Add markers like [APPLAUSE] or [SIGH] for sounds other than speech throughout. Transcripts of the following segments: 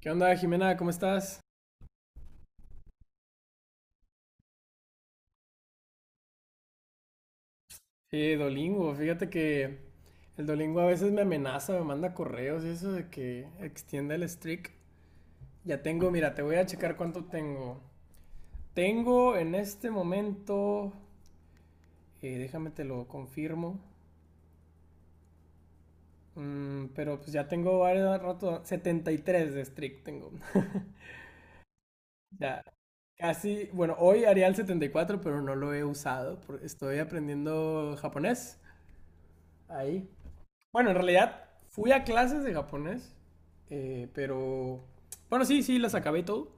¿Qué onda, Jimena? ¿Cómo estás? Sí, Dolingo, fíjate que el Dolingo a veces me amenaza, me manda correos y eso de que extienda el streak. Ya tengo, mira, te voy a checar cuánto tengo. Tengo en este momento, déjame te lo confirmo, pero pues ya tengo varios rato, 73 de streak tengo. [LAUGHS] Ya, casi, bueno, hoy haría el 74, pero no lo he usado, porque estoy aprendiendo japonés ahí. Bueno, en realidad fui a clases de japonés, pero... Bueno, sí, sí, las acabé y todo,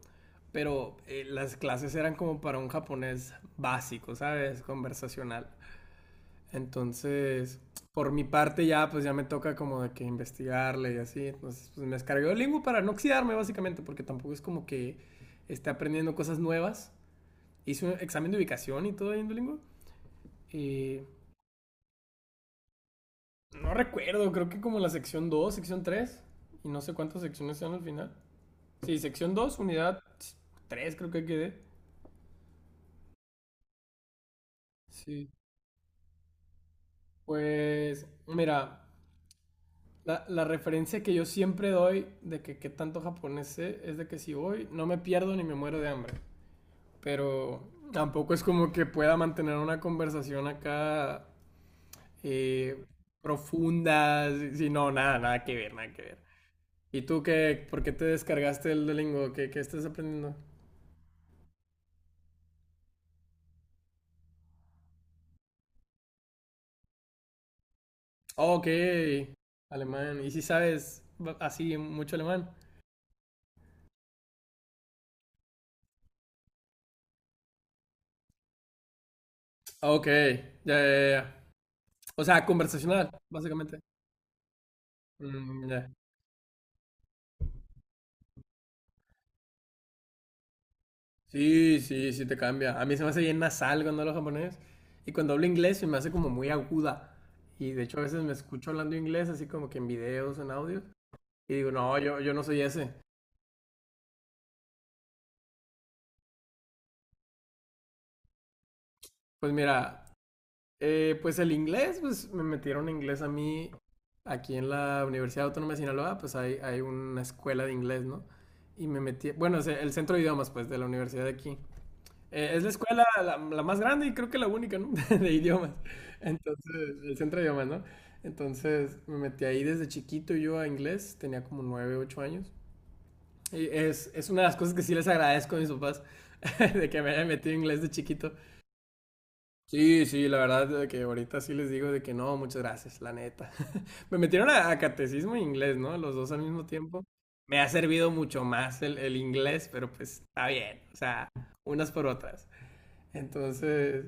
pero las clases eran como para un japonés básico, ¿sabes? Conversacional. Entonces, por mi parte ya, pues ya me toca como de que investigarle y así. Entonces, pues me descargué Duolingo para no oxidarme básicamente, porque tampoco es como que esté aprendiendo cosas nuevas. Hice un examen de ubicación y todo ahí en Duolingo. Y no recuerdo, creo que como la sección 2, sección 3 y no sé cuántas secciones sean al final. Sí, sección 2, unidad 3, creo que quedé. Sí. Pues, mira, la referencia que yo siempre doy de que qué tanto japonés sé es de que si voy no me pierdo ni me muero de hambre. Pero tampoco es como que pueda mantener una conversación acá eh, profunda, si no, nada, nada que ver, nada que ver. ¿Y tú qué, por qué te descargaste el Duolingo? ¿Qué, qué estás aprendiendo? Ok, alemán. ¿Y si sabes así mucho alemán? Ok, ya, ya, ya. O sea, conversacional, básicamente. Mm, ya. Sí, sí, sí te cambia. A mí se me hace bien nasal cuando hablo japonés. Y cuando hablo inglés se me hace como muy aguda. Y de hecho a veces me escucho hablando inglés así como que en videos, en audios. Y digo, no, yo no soy ese. Pues mira, pues el inglés, pues me metieron inglés a mí aquí en la Universidad Autónoma de Sinaloa, pues hay una escuela de inglés, ¿no? Y me metí, bueno, es el centro de idiomas, pues, de la universidad de aquí. Es la escuela la más grande y creo que la única, ¿no? [LAUGHS] De idiomas. Entonces, el centro de idiomas, ¿no? Entonces, me metí ahí desde chiquito yo a inglés, tenía como 9, 8 años. Y es una de las cosas que sí les agradezco a mis papás, [LAUGHS] de que me hayan metido inglés de chiquito. Sí, sí, la verdad de que ahorita sí les digo de que no, muchas gracias, la neta. [LAUGHS] Me metieron a catecismo e inglés, ¿no? Los dos al mismo tiempo. Me ha servido mucho más el inglés, pero pues está bien, o sea, unas por otras. Entonces,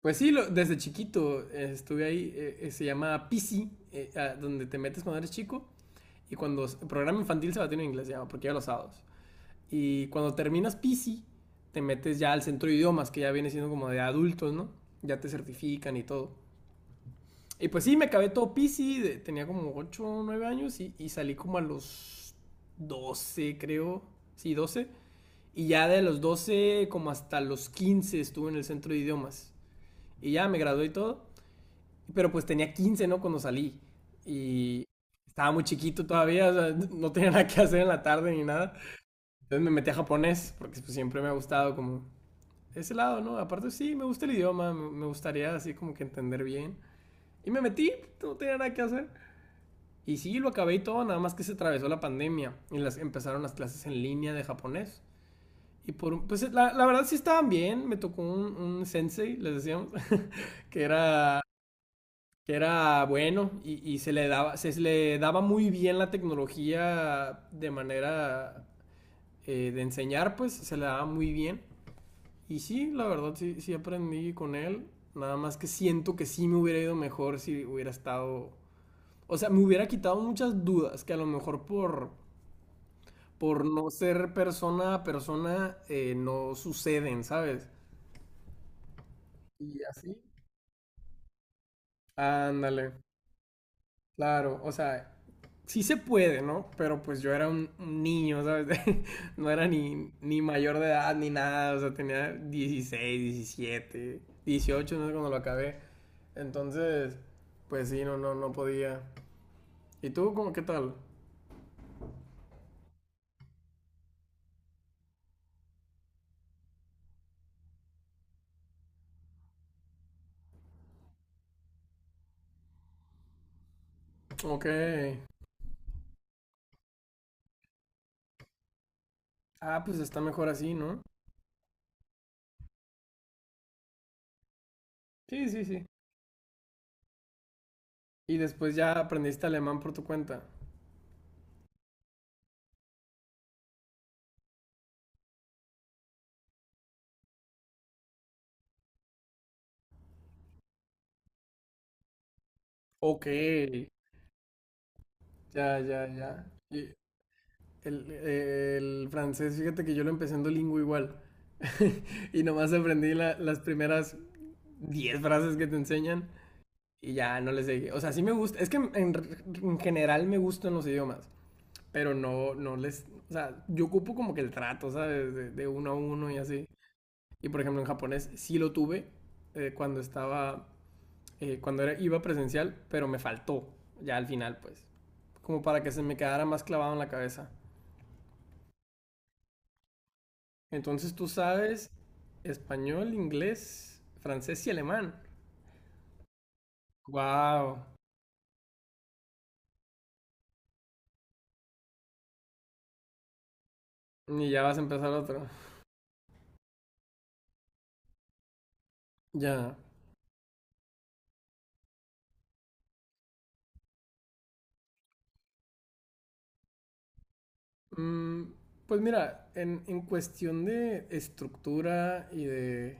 pues sí, desde chiquito estuve ahí, se llama PC, donde te metes cuando eres chico, y cuando programa infantil se va a tener en inglés, se llama, porque ya los sábados. Y cuando terminas PC, te metes ya al centro de idiomas, que ya viene siendo como de adultos, ¿no? Ya te certifican y todo. Y pues sí, me acabé todo PC, tenía como 8 o 9 años y salí como a los 12 creo. Sí, 12. Y ya de los 12 como hasta los 15 estuve en el centro de idiomas. Y ya me gradué y todo. Pero pues tenía 15, ¿no? Cuando salí. Y estaba muy chiquito todavía, o sea, [LAUGHS] no tenía nada que hacer en la tarde ni nada. Entonces me metí a japonés, porque pues, siempre me ha gustado como ese lado, ¿no? Aparte sí, me gusta el idioma, me gustaría así como que entender bien. Y me metí, no tenía nada que hacer. Y sí, lo acabé y todo, nada más que se atravesó la pandemia y las empezaron las clases en línea de japonés. Y por pues la verdad sí estaban bien, me tocó un sensei, les decíamos, [LAUGHS] que era, que era bueno y se le daba muy bien la tecnología de manera de enseñar, pues se le daba muy bien. Y sí, la verdad sí, sí aprendí con él, nada más que siento que sí me hubiera ido mejor si hubiera estado, o sea, me hubiera quitado muchas dudas que a lo mejor por no ser persona a persona, no suceden, ¿sabes? Y así. Ándale, claro, o sea, sí se puede, ¿no? Pero pues yo era un niño, ¿sabes? [LAUGHS] No era ni mayor de edad ni nada, o sea, tenía 16 17 18 no sé cuando lo acabé. Entonces, pues sí, no, no, no podía. ¿Y tú, cómo, qué tal? Ok. Ah, pues está mejor así, ¿no? Sí, sí, sí. Y después ya aprendiste alemán por tu cuenta. Ok, ya, ya, ya. Y el francés, fíjate que yo lo empecé en Duolingo igual. [LAUGHS] Y nomás aprendí las primeras 10 frases que te enseñan y ya no les seguí. O sea, sí me gusta. Es que en general me gustan los idiomas, pero no, no les. O sea, yo ocupo como que el trato, ¿sabes? De uno a uno y así. Y por ejemplo, en japonés sí lo tuve cuando estaba cuando era, iba presencial, pero me faltó ya al final, pues. Como para que se me quedara más clavado en la cabeza. Entonces tú sabes español, inglés, francés y alemán. ¡Wow! Y ya vas a empezar otro. [LAUGHS] Ya. Mm, pues mira, en cuestión de estructura y de.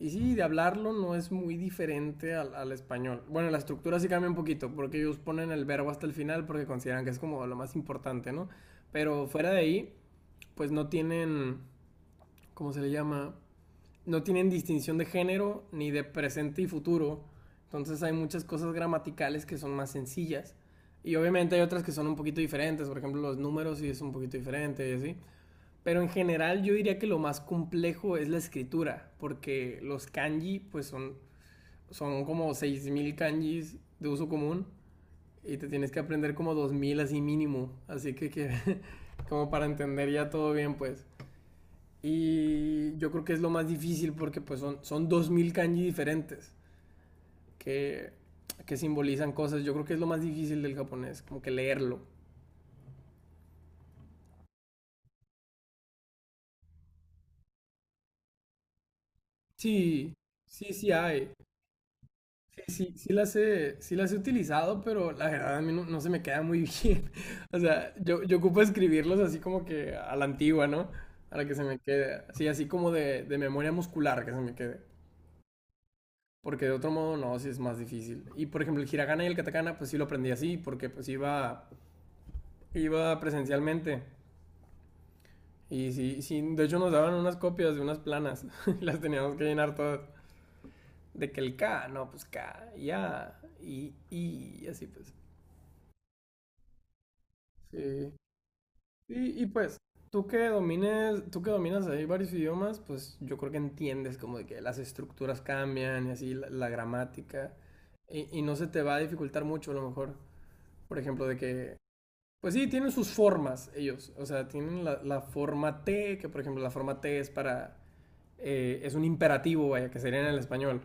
Y sí, de hablarlo no es muy diferente al español. Bueno, la estructura sí cambia un poquito, porque ellos ponen el verbo hasta el final porque consideran que es como lo más importante, ¿no? Pero fuera de ahí, pues no tienen, ¿cómo se le llama? No tienen distinción de género ni de presente y futuro. Entonces hay muchas cosas gramaticales que son más sencillas. Y obviamente hay otras que son un poquito diferentes, por ejemplo los números sí es un poquito diferente y así. Pero en general yo diría que lo más complejo es la escritura, porque los kanji pues son como 6000 kanjis de uso común y te tienes que aprender como 2000 así mínimo. Así que [LAUGHS] como para entender ya todo bien, pues. Y yo creo que es lo más difícil porque pues son 2000 kanji diferentes que, que simbolizan cosas. Yo creo que es lo más difícil del japonés, como que leerlo. Sí, sí, sí hay. Sí, sí las he utilizado, pero la verdad a mí no, no se me queda muy bien. [LAUGHS] O sea, yo ocupo escribirlos así como que a la antigua, ¿no? Para que se me quede. Sí, así como de memoria muscular que se me quede. Porque de otro modo no, sí es más difícil. Y por ejemplo, el hiragana y el katakana, pues sí lo aprendí así, porque pues iba presencialmente. Y sí, sí, de hecho nos daban unas copias de unas planas. [LAUGHS] Y las teníamos que llenar todas. De que el K, no, pues K, ya, y, así pues. Sí. Y pues, tú que dominas ahí varios idiomas, pues yo creo que entiendes como de que las estructuras cambian y así la gramática. Y no se te va a dificultar mucho a lo mejor. Por ejemplo, de que, pues sí, tienen sus formas ellos. O sea, tienen la forma T, que por ejemplo la forma T es para, es un imperativo, vaya, que sería en el español.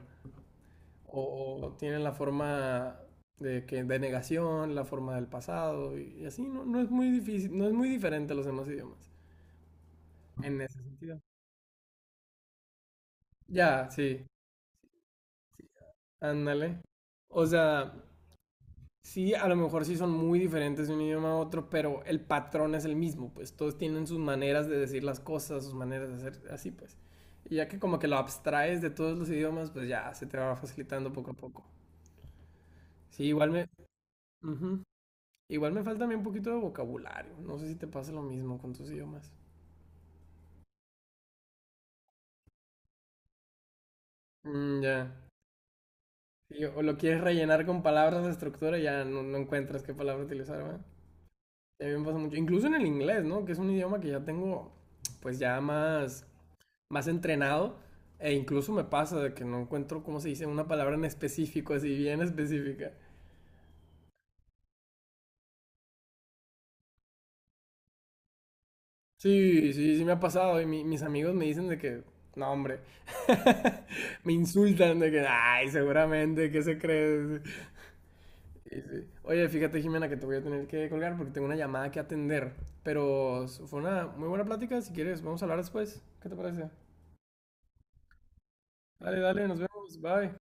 O tienen la forma de negación, la forma del pasado y así. No, no es muy difícil, no es muy diferente a los demás idiomas en ese sentido. Ya, sí, ándale. O sea, sí, a lo mejor sí son muy diferentes de un idioma a otro, pero el patrón es el mismo, pues todos tienen sus maneras de decir las cosas, sus maneras de hacer así, pues. Y ya que como que lo abstraes de todos los idiomas, pues ya se te va facilitando poco a poco. Sí, ujú. Igual me falta a mí un poquito de vocabulario. No sé si te pasa lo mismo con tus idiomas. Mm, ya. Sí, o lo quieres rellenar con palabras de estructura y ya no, no encuentras qué palabra utilizar, ¿va? A mí me pasa mucho. Incluso en el inglés, ¿no? Que es un idioma que ya tengo, pues ya más, más entrenado. E incluso me pasa de que no encuentro, ¿cómo se dice? Una palabra en específico, así bien específica. Sí, sí, sí me ha pasado. Y mis amigos me dicen de que, no, hombre. [LAUGHS] Me insultan de que, ay, seguramente, ¿qué se cree? Sí, sí. Oye, fíjate, Jimena, que te voy a tener que colgar porque tengo una llamada que atender. Pero fue una muy buena plática. Si quieres, vamos a hablar después. ¿Qué te parece? Dale, dale, nos vemos. Bye.